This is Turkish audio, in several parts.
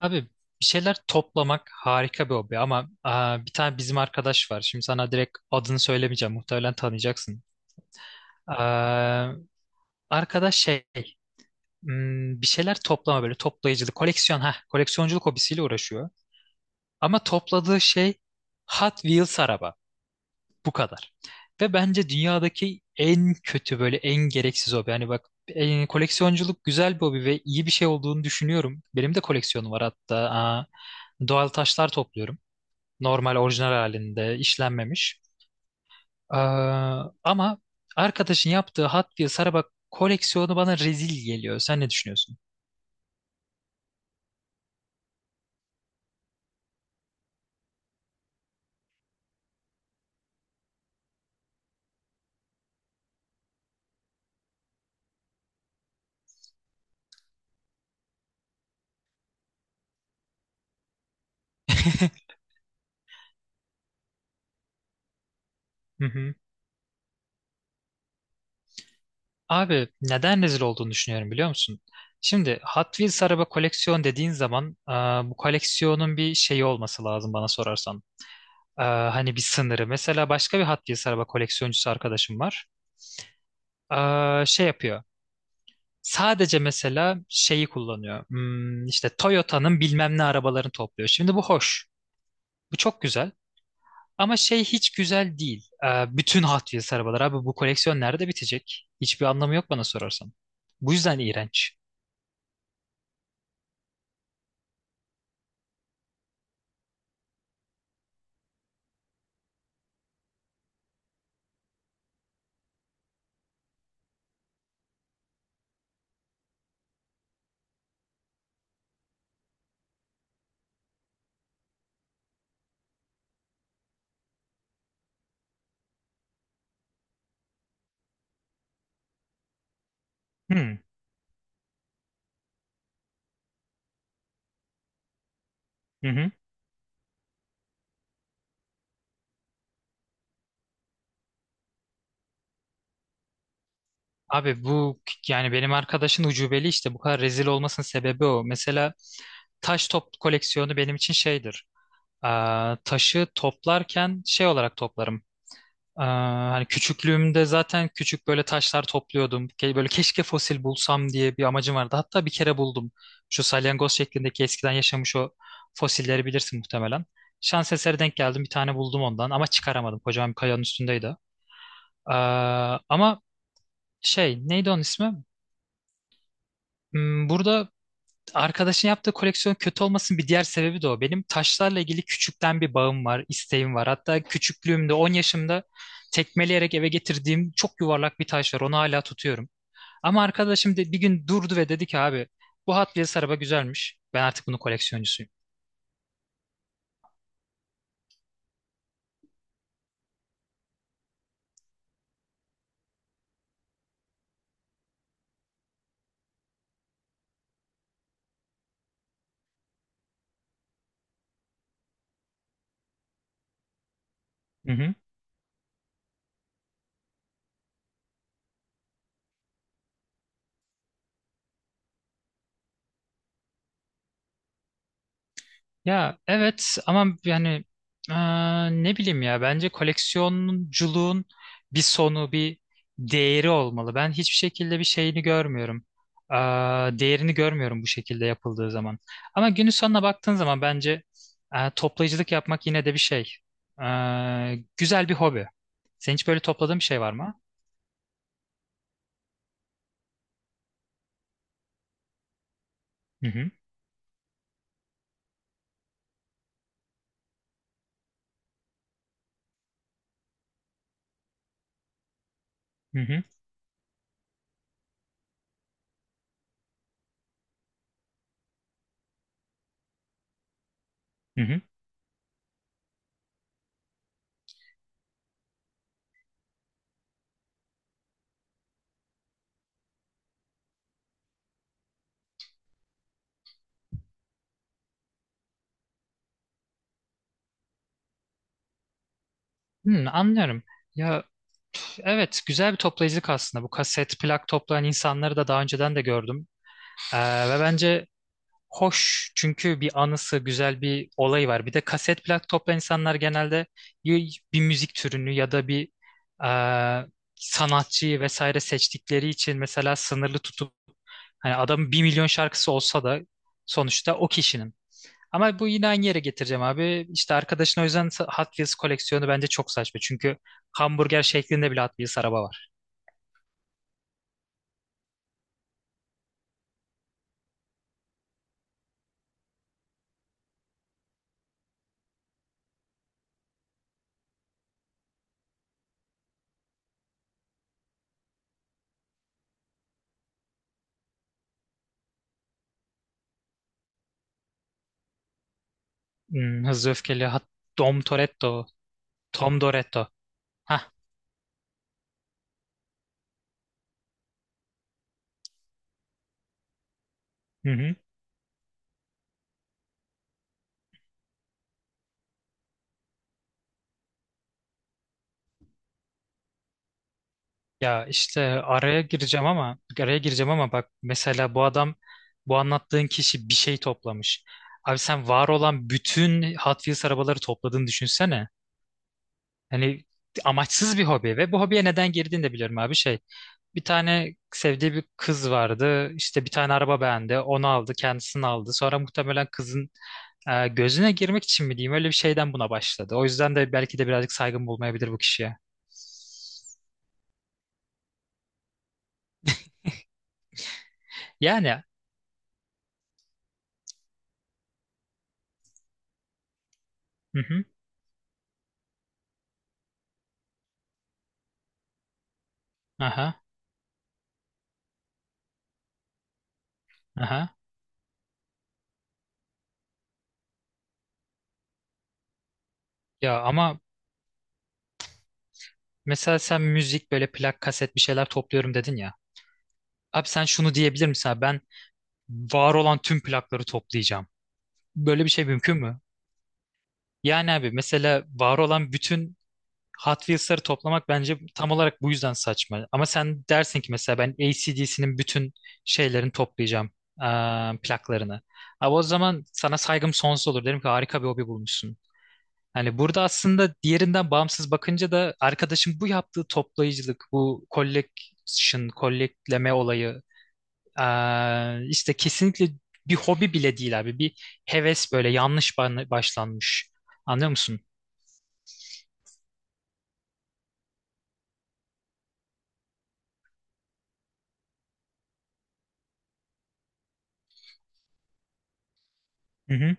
Abi, bir şeyler toplamak harika bir hobi ama bir tane bizim arkadaş var. Şimdi sana direkt adını söylemeyeceğim. Muhtemelen tanıyacaksın. Aa, arkadaş şey hmm, Bir şeyler toplama, böyle toplayıcılık, koleksiyonculuk hobisiyle uğraşıyor. Ama topladığı şey Hot Wheels araba. Bu kadar. Ve bence dünyadaki en kötü, böyle en gereksiz hobi. Yani bak, koleksiyonculuk güzel bir hobi ve iyi bir şey olduğunu düşünüyorum. Benim de koleksiyonum var hatta. Doğal taşlar topluyorum. Normal, orijinal halinde işlenmemiş. Ee, Ama arkadaşın yaptığı Hot Wheels araba koleksiyonu bana rezil geliyor. Sen ne düşünüyorsun? Hı hı. Abi, neden rezil olduğunu düşünüyorum biliyor musun? Şimdi Hot Wheels araba koleksiyon dediğin zaman bu koleksiyonun bir şeyi olması lazım bana sorarsan. Hani bir sınırı. Mesela başka bir Hot Wheels araba koleksiyoncusu arkadaşım var. Şey yapıyor. Sadece mesela şeyi kullanıyor. İşte Toyota'nın bilmem ne arabalarını topluyor. Şimdi bu hoş. Bu çok güzel. Ama şey hiç güzel değil. Bütün Hot Wheels arabalar. Abi, bu koleksiyon nerede bitecek? Hiçbir anlamı yok bana sorarsan. Bu yüzden iğrenç. Hmm. Hı hı. Abi, bu, yani benim arkadaşın ucubeli işte. Bu kadar rezil olmasının sebebi o. Mesela taş top koleksiyonu benim için şeydir. Taşı toplarken şey olarak toplarım. Hani küçüklüğümde zaten küçük böyle taşlar topluyordum. Böyle keşke fosil bulsam diye bir amacım vardı. Hatta bir kere buldum. Şu salyangoz şeklindeki eskiden yaşamış o fosilleri bilirsin muhtemelen. Şans eseri denk geldim. Bir tane buldum ondan ama çıkaramadım. Kocaman bir kayanın üstündeydi. Ee, Ama şey, neydi onun ismi? Burada arkadaşın yaptığı koleksiyon kötü olmasın bir diğer sebebi de o. Benim taşlarla ilgili küçükten bir bağım var, isteğim var. Hatta küçüklüğümde 10 yaşımda tekmeleyerek eve getirdiğim çok yuvarlak bir taş var. Onu hala tutuyorum. Ama arkadaşım bir gün durdu ve dedi ki, abi bu Hot Wheels araba güzelmiş. Ben artık bunun koleksiyoncusuyum. Hı hı. Ya evet, ama yani eee, ne bileyim ya, bence koleksiyonculuğun bir sonu, bir değeri olmalı. Ben hiçbir şekilde bir şeyini görmüyorum. Eee, Değerini görmüyorum bu şekilde yapıldığı zaman. Ama günün sonuna baktığın zaman bence toplayıcılık yapmak yine de bir şey. Güzel bir hobi. Senin hiç böyle topladığın bir şey var mı? Hı hı, hı hı, hı hı. Anlıyorum. Ya evet, güzel bir toplayıcılık aslında. Bu kaset, plak toplayan insanları da daha önceden de gördüm. Ve bence hoş, çünkü bir anısı, güzel bir olayı var. Bir de kaset, plak toplayan insanlar genelde ya bir müzik türünü ya da bir e, sanatçıyı vesaire seçtikleri için mesela sınırlı tutup, hani adamın bir milyon şarkısı olsa da sonuçta o kişinin. Ama bu, yine aynı yere getireceğim abi. İşte arkadaşın o yüzden Hot Wheels koleksiyonu bence çok saçma. Çünkü hamburger şeklinde bile Hot Wheels araba var. Hızlı Öfkeli, Dom Toretto, Tom Doretto. Hah. Hı hı. Ya işte araya gireceğim, ama araya gireceğim ama bak, mesela bu adam, bu anlattığın kişi bir şey toplamış. Abi sen var olan bütün Hot Wheels arabaları topladığını düşünsene. Hani amaçsız bir hobi ve bu hobiye neden girdiğini de biliyorum abi, şey. Bir tane sevdiği bir kız vardı. İşte bir tane araba beğendi. Onu aldı, kendisini aldı. Sonra muhtemelen kızın gözüne girmek için mi diyeyim, öyle bir şeyden buna başladı. O yüzden de belki de birazcık saygın bulmayabilir bu kişiye. Yani. Hı hı, aha, aha. Ya ama mesela sen müzik, böyle plak, kaset bir şeyler topluyorum dedin ya. Abi sen şunu diyebilir misin, abi ben var olan tüm plakları toplayacağım. Böyle bir şey mümkün mü? Yani abi mesela var olan bütün Hot Wheels'ları toplamak bence tam olarak bu yüzden saçma. Ama sen dersin ki mesela ben AC/DC'nin bütün şeylerini toplayacağım. Plaklarını. Abi o zaman sana saygım sonsuz olur. Derim ki harika bir hobi bulmuşsun. Hani burada aslında diğerinden bağımsız bakınca da arkadaşın bu yaptığı toplayıcılık, bu collection, collectleme olayı işte kesinlikle bir hobi bile değil abi. Bir heves, böyle yanlış başlanmış. Anlıyor musun? Hı hı.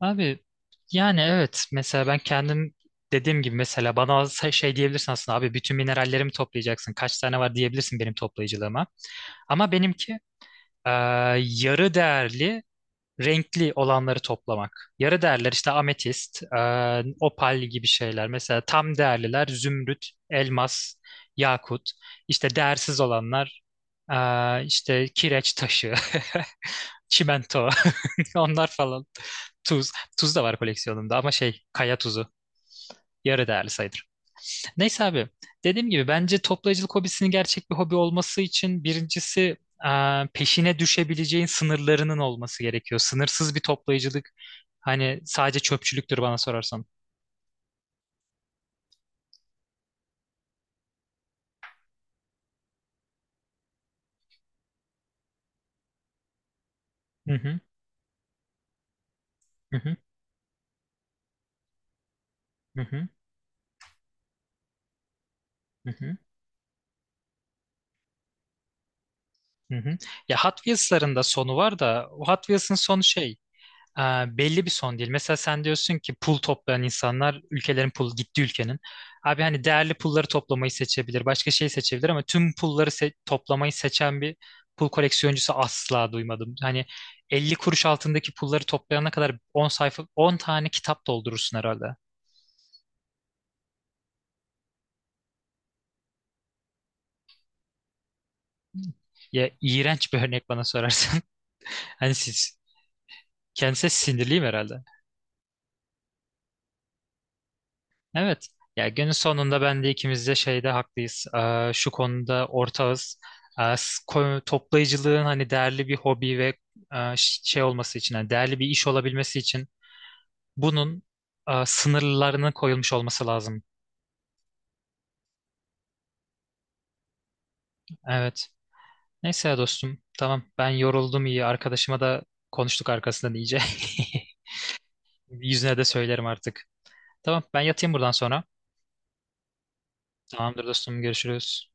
Abi yani evet, mesela ben kendim dediğim gibi, mesela bana şey diyebilirsin aslında, abi bütün minerallerimi toplayacaksın kaç tane var diyebilirsin benim toplayıcılığıma. Ama benimki eee, yarı değerli, renkli olanları toplamak. Yarı değerler işte ametist, opal gibi şeyler. Mesela tam değerliler zümrüt, elmas, yakut. İşte değersiz olanlar, işte kireç taşı, çimento, onlar falan. Tuz. Tuz da var koleksiyonumda ama şey, kaya tuzu. Yarı değerli sayılır. Neyse abi, dediğim gibi bence toplayıcılık hobisinin gerçek bir hobi olması için birincisi peşine düşebileceğin sınırlarının olması gerekiyor. Sınırsız bir toplayıcılık hani sadece çöpçülüktür bana sorarsan. Hı hı, hı hı, hı hı, hı hı, hı hı. Ya Hot Wheels'ların da sonu var da, o Hot Wheels'ın sonu e, belli bir son değil. Mesela sen diyorsun ki pul toplayan insanlar ülkelerin pul, gitti ülkenin. Abi hani değerli pulları toplamayı seçebilir, başka şey seçebilir ama tüm pulları toplamayı seçen bir pul koleksiyoncusu asla duymadım. Hani 50 kuruş altındaki pulları toplayana kadar 10 sayfa, 10 tane kitap doldurursun herhalde. Ya iğrenç bir örnek bana sorarsan. Hani siz, kendisi, sinirliyim herhalde. Evet. Ya günün sonunda ben de, ikimiz de şeyde haklıyız. Şu konuda ortağız. Toplayıcılığın hani değerli bir hobi ve şey olması için, hani değerli bir iş olabilmesi için bunun sınırlarının koyulmuş olması lazım. Evet. Neyse ya dostum. Tamam. Ben yoruldum, iyi. Arkadaşıma da konuştuk arkasından iyice. Yüzüne de söylerim artık. Tamam. Ben yatayım buradan sonra. Tamamdır dostum. Görüşürüz.